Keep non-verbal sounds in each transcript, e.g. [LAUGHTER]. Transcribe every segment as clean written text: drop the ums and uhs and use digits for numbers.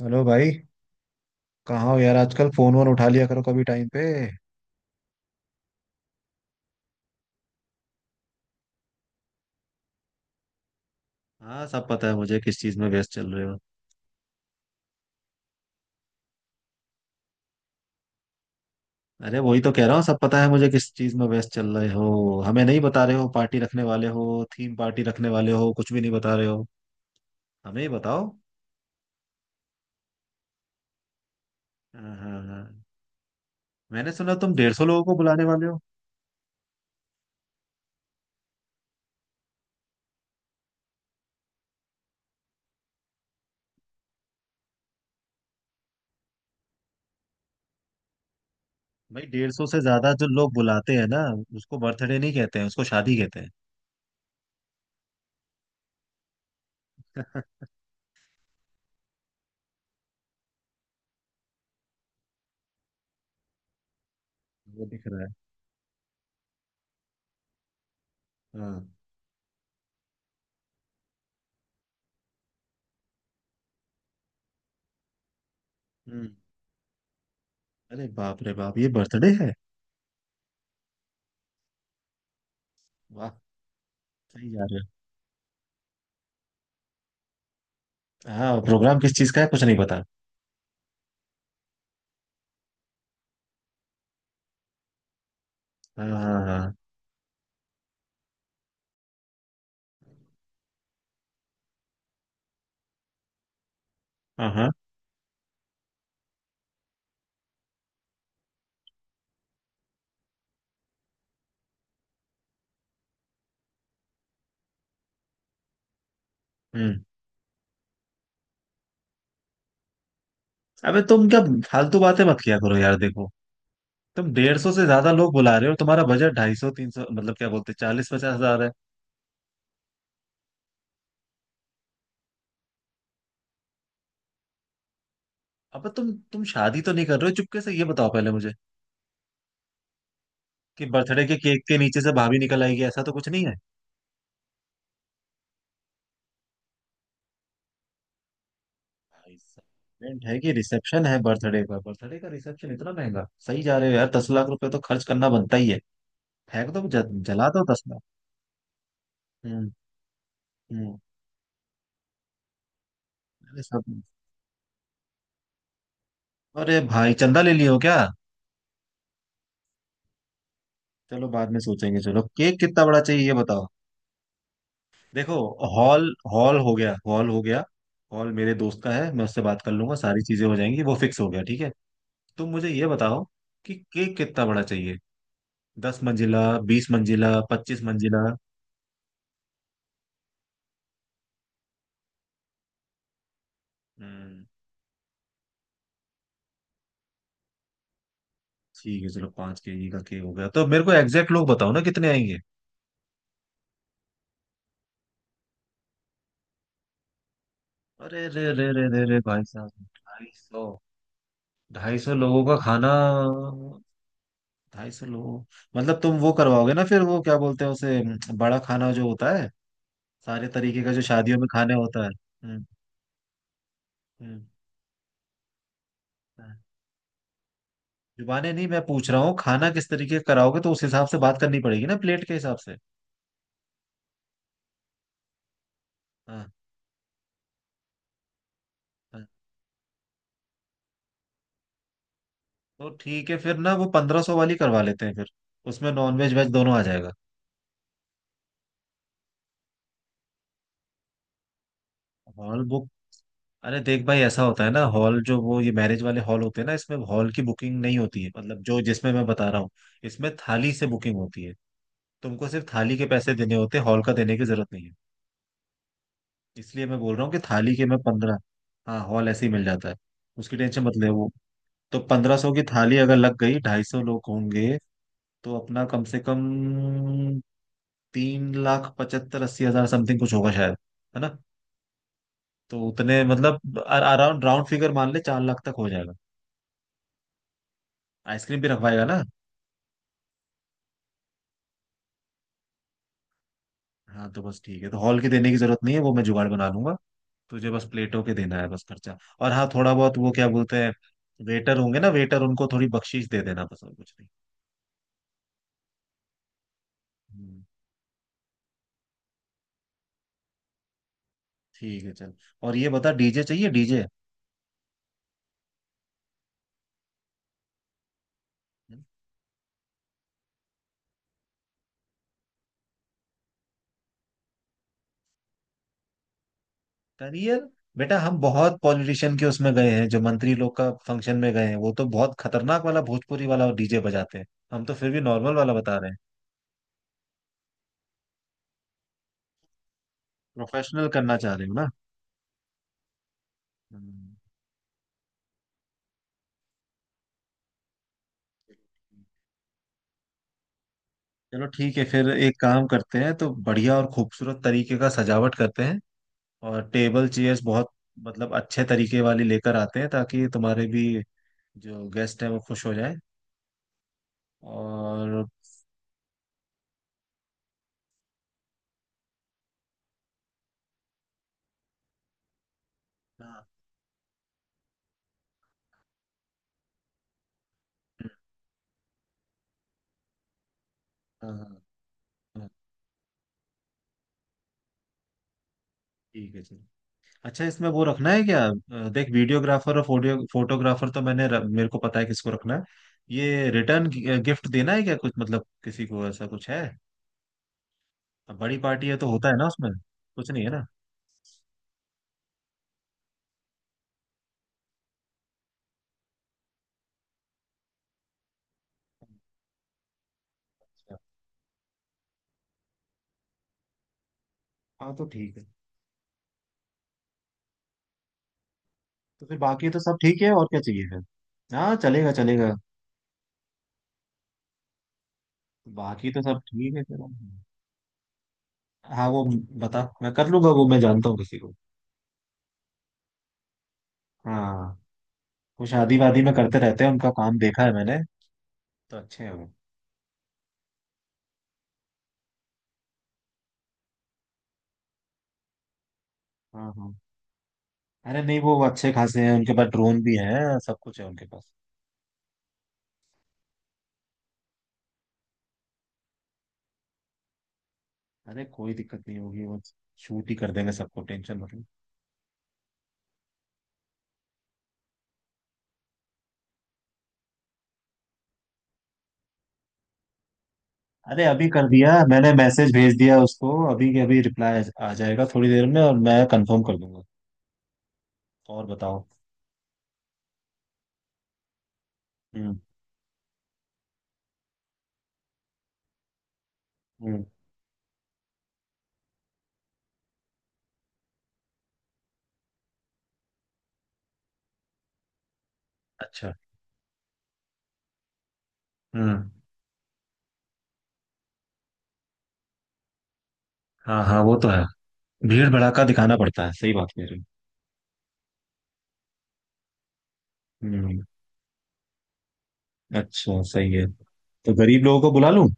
Hello भाई। कहाँ हो यार, आजकल फोन वोन उठा लिया करो कभी टाइम पे। हाँ, सब पता है मुझे किस चीज में व्यस्त चल रहे हो। अरे वही तो कह रहा हूँ, सब पता है मुझे किस चीज में व्यस्त चल रहे हो, हमें नहीं बता रहे हो। पार्टी रखने वाले हो, थीम पार्टी रखने वाले हो, कुछ भी नहीं बता रहे हो। हमें ही बताओ। हाँ हाँ हाँ, मैंने सुना तुम 150 लोगों को बुलाने वाले हो। भाई, 150 से ज्यादा जो लोग बुलाते हैं ना, उसको बर्थडे नहीं कहते हैं, उसको शादी कहते हैं। [LAUGHS] वो दिख रहा है। हाँ। हम्म अरे बाप रे बाप, ये बर्थडे है। वाह। सही यार। हाँ, प्रोग्राम किस चीज का है कुछ नहीं पता। हाँ हाँ हाँ हाँ हाँ। हम्म अबे तुम क्या फालतू बातें मत किया करो यार, देखो। तुम डेढ़ सौ से ज्यादा लोग बुला रहे हो, तुम्हारा बजट ढाई सौ तीन सौ मतलब क्या बोलते, चालीस पचास हजार है। अब तुम शादी तो नहीं कर रहे हो चुपके से, ये बताओ पहले मुझे, कि बर्थडे के केक के नीचे से भाभी निकल आएगी, ऐसा तो कुछ नहीं है। भाई साहब, event है कि रिसेप्शन है, बर्थडे का? बर्थडे का रिसेप्शन इतना महंगा सही जा रहे हो यार, 10 लाख रुपए तो खर्च करना बनता ही है। फेंक दो ज- जला दो 10 लाख। हम्म। हम्म। अरे सब, अरे भाई चंदा ले लियो क्या। चलो बाद में सोचेंगे, चलो केक कितना बड़ा चाहिए ये बताओ। देखो, हॉल हॉल हो गया, हॉल हो गया। हॉल मेरे दोस्त का है, मैं उससे बात कर लूंगा, सारी चीजें हो जाएंगी, वो फिक्स हो गया, ठीक है। तुम मुझे ये बताओ कि केक कितना बड़ा चाहिए, दस मंजिला, बीस मंजिला, पच्चीस मंजिला? हम्म। ठीक है चलो, 5 केजी का केक हो गया, तो मेरे को एग्जैक्ट लोग बताओ ना कितने आएंगे। अरे रे रे रे रे रे भाई साहब, 250, ढाई सौ लोगों का खाना। 250 लोग मतलब तुम वो करवाओगे ना, फिर वो क्या बोलते हैं उसे, बड़ा खाना जो होता है, सारे तरीके का जो शादियों में खाने होता है। हम्म। हम्म। हम्म। जुबानें नहीं, मैं पूछ रहा हूँ खाना किस तरीके का कराओगे, तो उस हिसाब से बात करनी पड़ेगी ना, प्लेट के हिसाब से। हाँ, हाँ तो ठीक है फिर ना, वो 1500 वाली करवा लेते हैं फिर, उसमें नॉन वेज वेज दोनों आ जाएगा। Hall book. अरे देख भाई, ऐसा होता है ना, हॉल जो वो ये मैरिज वाले हॉल होते हैं ना, इसमें हॉल की बुकिंग नहीं होती है, मतलब जो जिसमें मैं बता रहा हूँ, इसमें थाली से बुकिंग होती है। तुमको सिर्फ थाली के पैसे देने होते हैं, हॉल का देने की जरूरत नहीं है। इसलिए मैं बोल रहा हूँ कि थाली के मैं पंद्रह। हाँ, हॉल ऐसे ही मिल जाता है, उसकी टेंशन मत ले वो। तो पंद्रह सौ की थाली अगर लग गई, 250 लोग होंगे, तो अपना कम से कम 3,75,80,000 समथिंग कुछ होगा शायद, है ना। तो उतने मतलब अराउंड राउंड फिगर मान ले, 4 लाख तक हो जाएगा। आइसक्रीम भी रखवाएगा ना। हाँ तो बस ठीक है, तो हॉल की देने की जरूरत नहीं है, वो मैं जुगाड़ बना लूंगा। तुझे बस प्लेटों के देना है बस खर्चा, और हाँ थोड़ा बहुत वो क्या बोलते हैं, वेटर होंगे ना वेटर, उनको थोड़ी बख्शीश दे देना बस और कुछ नहीं। हम्म, ठीक है चल, और ये बता डीजे चाहिए डीजे? करियर! बेटा हम बहुत पॉलिटिशियन के उसमें गए हैं, जो मंत्री लोग का फंक्शन में गए हैं, वो तो बहुत खतरनाक वाला भोजपुरी वाला डीजे बजाते हैं। हम तो फिर भी नॉर्मल वाला बता रहे हैं। प्रोफेशनल करना चाह रहे हो ना। हम्म। चलो ठीक है फिर, एक काम करते हैं, तो बढ़िया और खूबसूरत तरीके का सजावट करते हैं, और टेबल चेयर्स बहुत मतलब अच्छे तरीके वाली लेकर आते हैं, ताकि तुम्हारे भी जो गेस्ट हैं वो खुश हो जाए। और हाँ हाँ हाँ, हाँ, ठीक है ठीक। अच्छा इसमें वो रखना है क्या, देख वीडियोग्राफर और फोटोग्राफर तो मेरे को पता है किसको रखना है। ये रिटर्न गिफ्ट देना है क्या कुछ, मतलब किसी को ऐसा कुछ है? अब बड़ी पार्टी है तो होता है ना उसमें। कुछ नहीं है ना। अच्छा, हाँ तो ठीक है। तो फिर बाकी तो सब ठीक है, और क्या चाहिए फिर, हाँ चलेगा चलेगा। बाकी तो सब ठीक है, चलो। हाँ, वो बता, मैं कर लूंगा वो, मैं जानता हूँ किसी को। हाँ, वो शादी वादी में करते रहते हैं, उनका काम देखा है मैंने, तो अच्छे हैं वो। हाँ हाँ। अरे नहीं वो अच्छे खासे हैं, उनके पास ड्रोन भी है, सब कुछ है उनके पास। अरे कोई दिक्कत नहीं होगी, वो शूट ही कर देंगे सबको, टेंशन मत लो। अरे अभी कर दिया मैंने, मैसेज भेज दिया उसको अभी के अभी, रिप्लाई आ आ जाएगा थोड़ी देर में, और मैं कंफर्म कर दूंगा। और बताओ। हम्म। हम्म। अच्छा। हम्म। हाँ हाँ, वो तो है, भीड़ भड़ाका दिखाना पड़ता है, सही बात कह रहे हो। हम्म। अच्छा सही है। तो गरीब लोगों को बुला लूं?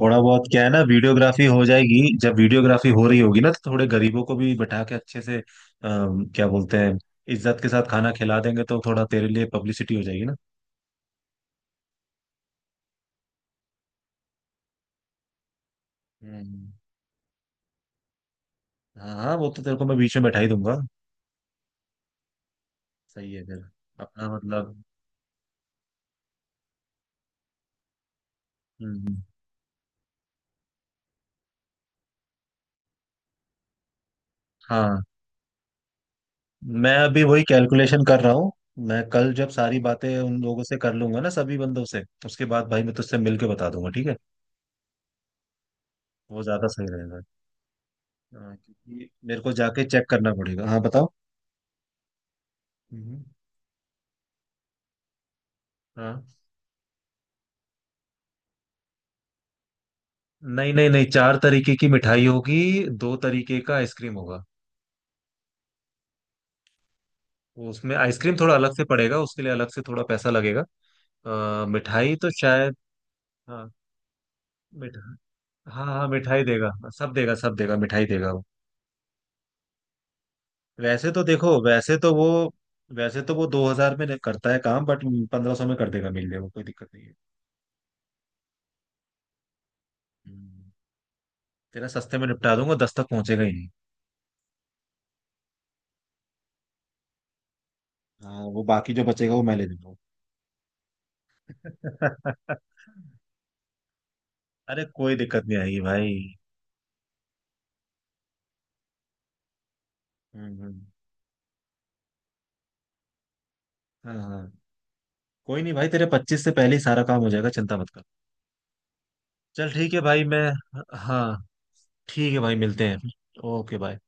थोड़ा बहुत क्या है ना, वीडियोग्राफी हो जाएगी, जब वीडियोग्राफी हो रही होगी ना, तो थोड़े गरीबों को भी बैठा के अच्छे से, क्या बोलते हैं, इज्जत के साथ खाना खिला देंगे, तो थोड़ा तेरे लिए पब्लिसिटी हो जाएगी ना। हम्म। हाँ हाँ, वो तो तेरे को मैं बीच में बैठा ही दूंगा। सही है फिर। अपना मतलब। हम्म। हाँ, मैं अभी वही कैलकुलेशन कर रहा हूँ। मैं कल जब सारी बातें उन लोगों से कर लूंगा ना, सभी बंदों से, उसके बाद भाई मैं तुझसे मिल के बता दूंगा, ठीक है। वो ज्यादा सही रहेगा। हाँ क्योंकि मेरे को जाके चेक करना पड़ेगा। हाँ बताओ। हम्म। हाँ। नहीं नहीं नहीं, चार तरीके की मिठाई होगी, दो तरीके का आइसक्रीम होगा। वो उसमें आइसक्रीम थोड़ा अलग से पड़ेगा, उसके लिए अलग से थोड़ा पैसा लगेगा। मिठाई तो शायद। हाँ, मिठाई। हाँ हाँ मिठाई देगा, सब देगा, सब देगा, मिठाई देगा वो। वैसे तो देखो वैसे तो वो वैसे तो वो 2000 में नहीं करता है काम, बट 1500 में कर देगा, मिल जाएगा, कोई दिक्कत नहीं है। हम्म, तेरा सस्ते में निपटा दूंगा, दस तक पहुंचेगा ही नहीं। हाँ वो बाकी जो बचेगा वो मैं ले लूंगा। [LAUGHS] अरे कोई दिक्कत नहीं आएगी भाई। हम्म। हाँ हाँ। कोई नहीं भाई, तेरे 25 से पहले ही सारा काम हो जाएगा, चिंता मत कर। चल ठीक है भाई, मैं, हाँ, ठीक है भाई, मिलते हैं। Okay bye.